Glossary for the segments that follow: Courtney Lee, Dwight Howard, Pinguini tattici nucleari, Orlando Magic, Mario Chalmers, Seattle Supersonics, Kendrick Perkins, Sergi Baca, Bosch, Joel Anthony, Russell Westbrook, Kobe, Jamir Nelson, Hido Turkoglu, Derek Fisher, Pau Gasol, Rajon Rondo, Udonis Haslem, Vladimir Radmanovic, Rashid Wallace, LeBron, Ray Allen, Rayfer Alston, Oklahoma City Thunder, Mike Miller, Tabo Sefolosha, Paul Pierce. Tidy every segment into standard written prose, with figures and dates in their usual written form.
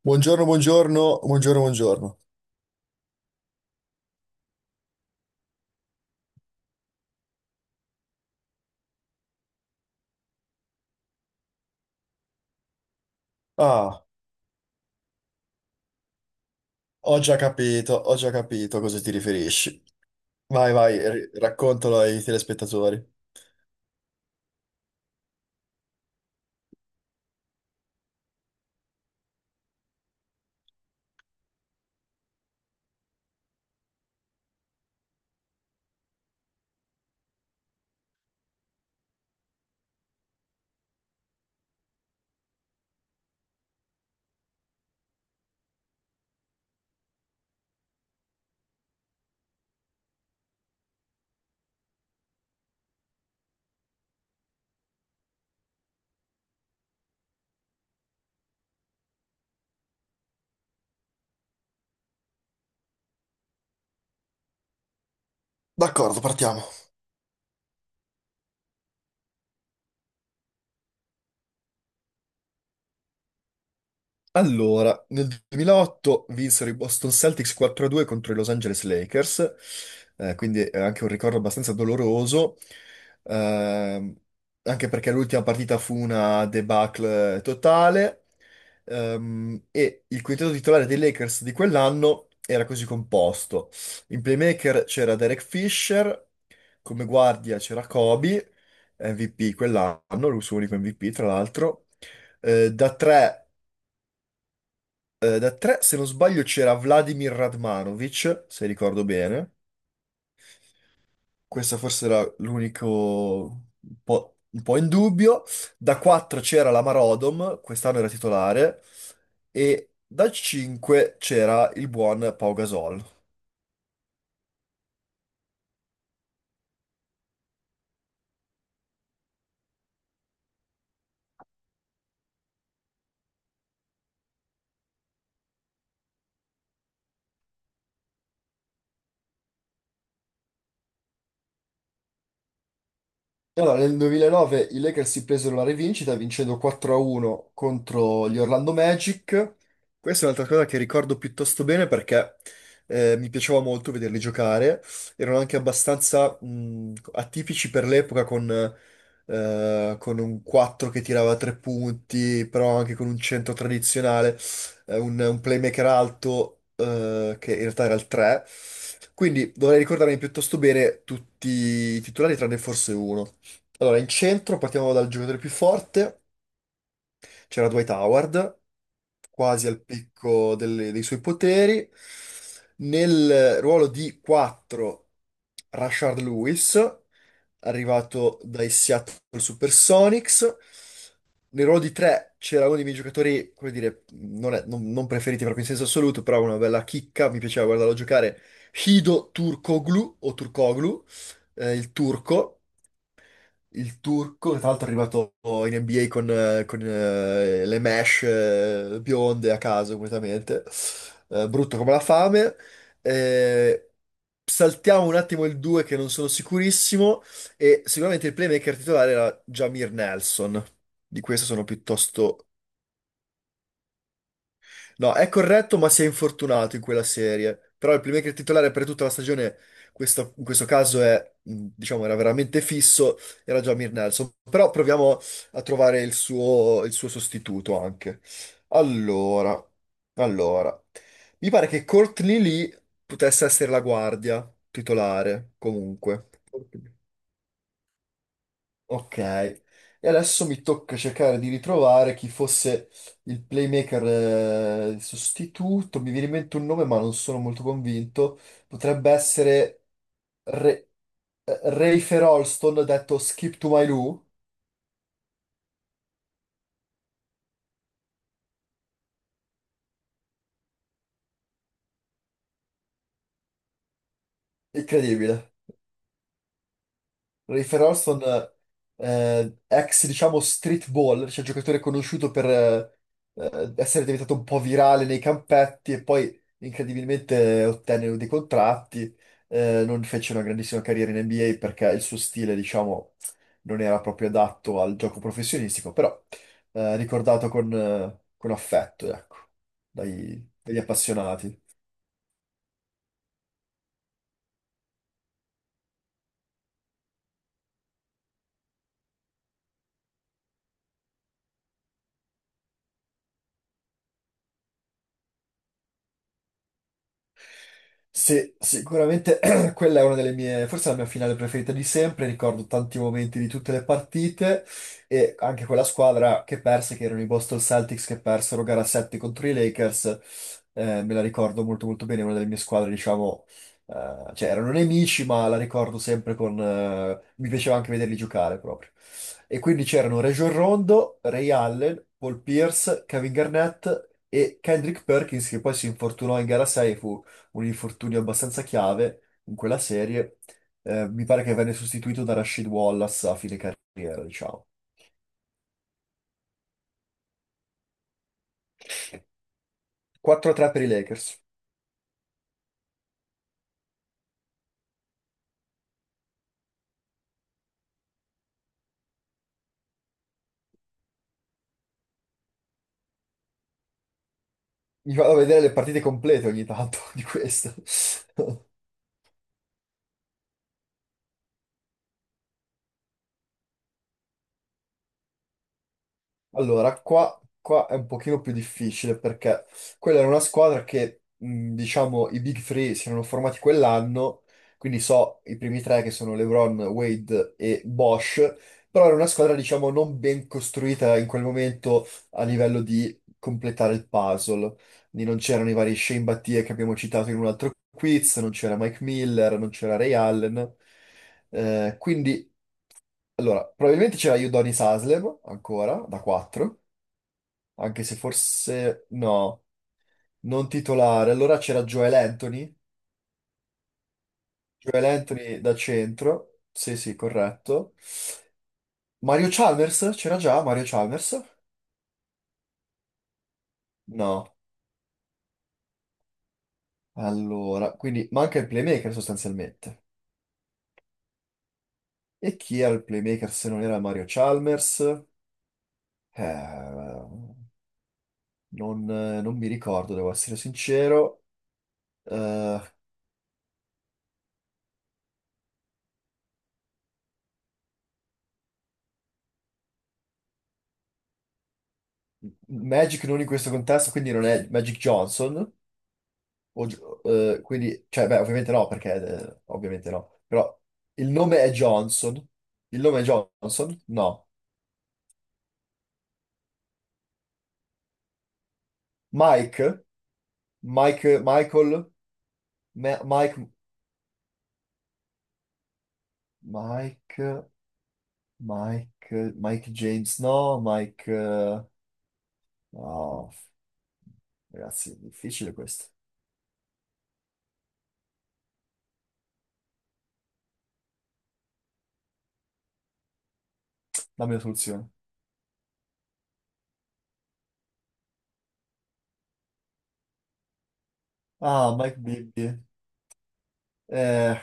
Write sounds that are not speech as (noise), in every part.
Buongiorno, buongiorno, buongiorno, buongiorno. Ah, ho già capito, a cosa ti riferisci. Vai, vai, raccontalo ai telespettatori. D'accordo, partiamo. Allora, nel 2008 vinsero i Boston Celtics 4-2 contro i Los Angeles Lakers. Quindi è anche un ricordo abbastanza doloroso, ehm, anche perché l'ultima partita fu una debacle totale. E il quintetto titolare dei Lakers di quell'anno era così composto. In playmaker c'era Derek Fisher, come guardia c'era Kobe, MVP quell'anno, il suo unico MVP tra l'altro. Da 3 da tre, se non sbaglio, c'era Vladimir Radmanovic, se ricordo bene. Questa forse era l'unico un po' in dubbio. Da quattro c'era la Marodom, quest'anno era titolare. E da cinque c'era il buon Pau Gasol. Allora, nel 2009 i Lakers si presero la rivincita vincendo 4-1 contro gli Orlando Magic. Questa è un'altra cosa che ricordo piuttosto bene perché mi piaceva molto vederli giocare. Erano anche abbastanza atipici per l'epoca con un 4 che tirava 3 punti, però anche con un centro tradizionale, un playmaker alto che in realtà era il 3. Quindi dovrei ricordarmi piuttosto bene tutti i titolari tranne forse uno. Allora, in centro partiamo dal giocatore più forte, c'era Dwight Howard, quasi al picco dei suoi poteri. Nel ruolo di 4, Rashard Lewis, arrivato dai Seattle Supersonics. Nel ruolo di 3 c'era uno dei miei giocatori, come dire, non, è- non- non preferiti proprio in senso assoluto, però una bella chicca, mi piaceva guardarlo giocare, Hido Turkoglu, o Turkoglu, il turco, che tra l'altro è arrivato in NBA con, le mesh bionde a caso completamente, brutto come la fame. Eh, Saltiamo un attimo il 2 che non sono sicurissimo e sicuramente il playmaker titolare era Jamir Nelson, di questo sono piuttosto… No, è corretto, ma si è infortunato in quella serie. Però il playmaker titolare per tutta la stagione, in questo caso è, diciamo, era veramente fisso, era Jamir Nelson. Però proviamo a trovare il suo sostituto anche. Allora, allora, mi pare che Courtney Lee potesse essere la guardia titolare, comunque. Ok, e adesso mi tocca cercare di ritrovare chi fosse il playmaker sostituto. Mi viene in mente un nome, ma non sono molto convinto. Potrebbe essere Re- Rayfer Alston, detto Skip to My Lou. Incredibile. Refer Alston, ex, diciamo, street ball, cioè giocatore conosciuto per essere diventato un po' virale nei campetti e poi incredibilmente ottenne dei contratti. Non fece una grandissima carriera in NBA perché il suo stile, diciamo, non era proprio adatto al gioco professionistico, però ricordato con affetto, ecco, dagli appassionati. Sì, sicuramente (clears throat) quella è una delle mie, forse la mia finale preferita di sempre, ricordo tanti momenti di tutte le partite e anche quella squadra che perse, che erano i Boston Celtics che persero gara 7 contro i Lakers. Me la ricordo molto molto bene, è una delle mie squadre, diciamo, cioè erano nemici, ma la ricordo sempre con mi piaceva anche vederli giocare proprio. E quindi c'erano Rajon Rondo, Ray Allen, Paul Pierce, Kevin Garnett e Kendrick Perkins, che poi si infortunò in gara 6, un infortunio abbastanza chiave in quella serie. Mi pare che venne sostituito da Rashid Wallace a fine carriera, diciamo. 4-3 per i Lakers. Mi vado a vedere le partite complete ogni tanto (laughs) di questo. (laughs) Allora, qua è un pochino più difficile perché quella era una squadra che, diciamo, i Big Three si erano formati quell'anno, quindi so i primi tre che sono LeBron, Wade e Bosch, però era una squadra, diciamo, non ben costruita in quel momento a livello di completare il puzzle. Quindi non c'erano i vari Shane Battier che abbiamo citato in un altro quiz, non c'era Mike Miller, non c'era Ray Allen. Eh, quindi, allora, probabilmente c'era Udonis Haslem ancora, da 4, anche se forse no, non titolare. Allora c'era Joel Anthony, Joel Anthony da centro, sì sì, corretto. Mario Chalmers, c'era già Mario Chalmers? No, allora, quindi manca il playmaker sostanzialmente. E chi era il playmaker se non era Mario Chalmers? Eh, non mi ricordo, devo essere sincero. Eh, Magic non in questo contesto, quindi non è Magic Johnson. O gi- quindi, cioè, beh, ovviamente no, perché ovviamente no. Però il nome è Johnson. Il nome è Johnson? No. Mike? Mike, Michael? Ma- Mike, Mike, Mike James? No, Mike. Oh, ragazzi, è difficile questo. Dammi la soluzione. Ah, Mike Bibby. Eh,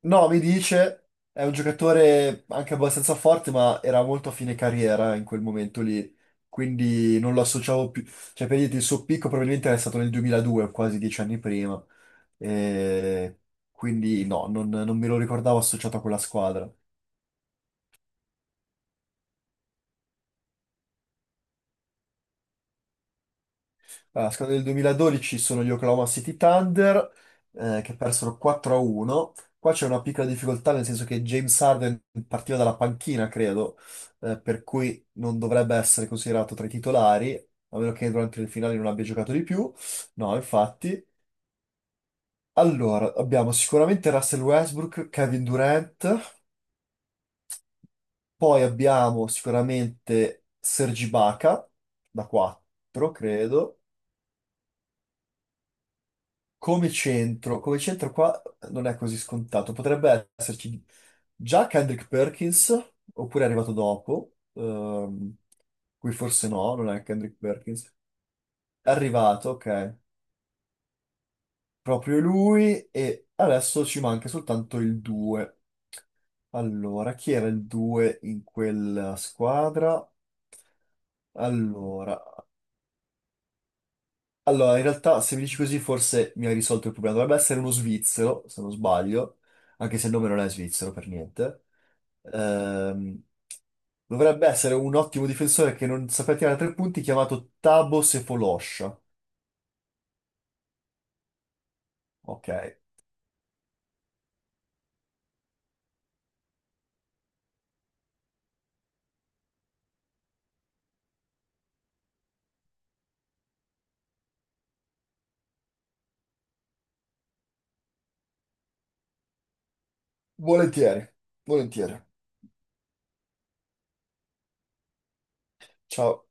No, mi dice, è un giocatore anche abbastanza forte, ma era molto a fine carriera in quel momento lì, quindi non lo associavo più. Cioè, per dirti, il suo picco probabilmente era stato nel 2002, quasi dieci anni prima, e quindi non me lo ricordavo associato a quella squadra. Allora, la squadra del 2012 sono gli Oklahoma City Thunder, che persero 4-1. Qua c'è una piccola difficoltà, nel senso che James Harden partiva dalla panchina, credo, per cui non dovrebbe essere considerato tra i titolari, a meno che durante il finale non abbia giocato di più. No, infatti. Allora, abbiamo sicuramente Russell Westbrook, Kevin Durant, poi abbiamo sicuramente Sergi Baca da 4, credo. Come centro, qua non è così scontato. Potrebbe esserci già Kendrick Perkins, oppure è arrivato dopo. Qui forse no, non è Kendrick Perkins. È arrivato, ok, proprio lui e adesso ci manca soltanto il 2. Allora, chi era il 2 in quella squadra? Allora, In realtà, se mi dici così, forse mi hai risolto il problema. Dovrebbe essere uno svizzero, se non sbaglio, anche se il nome non è svizzero per niente. Ehm, Dovrebbe essere un ottimo difensore che non sapeva tirare tre punti, chiamato Tabo Sefolosha. Ok, volentieri, volentieri. Ciao.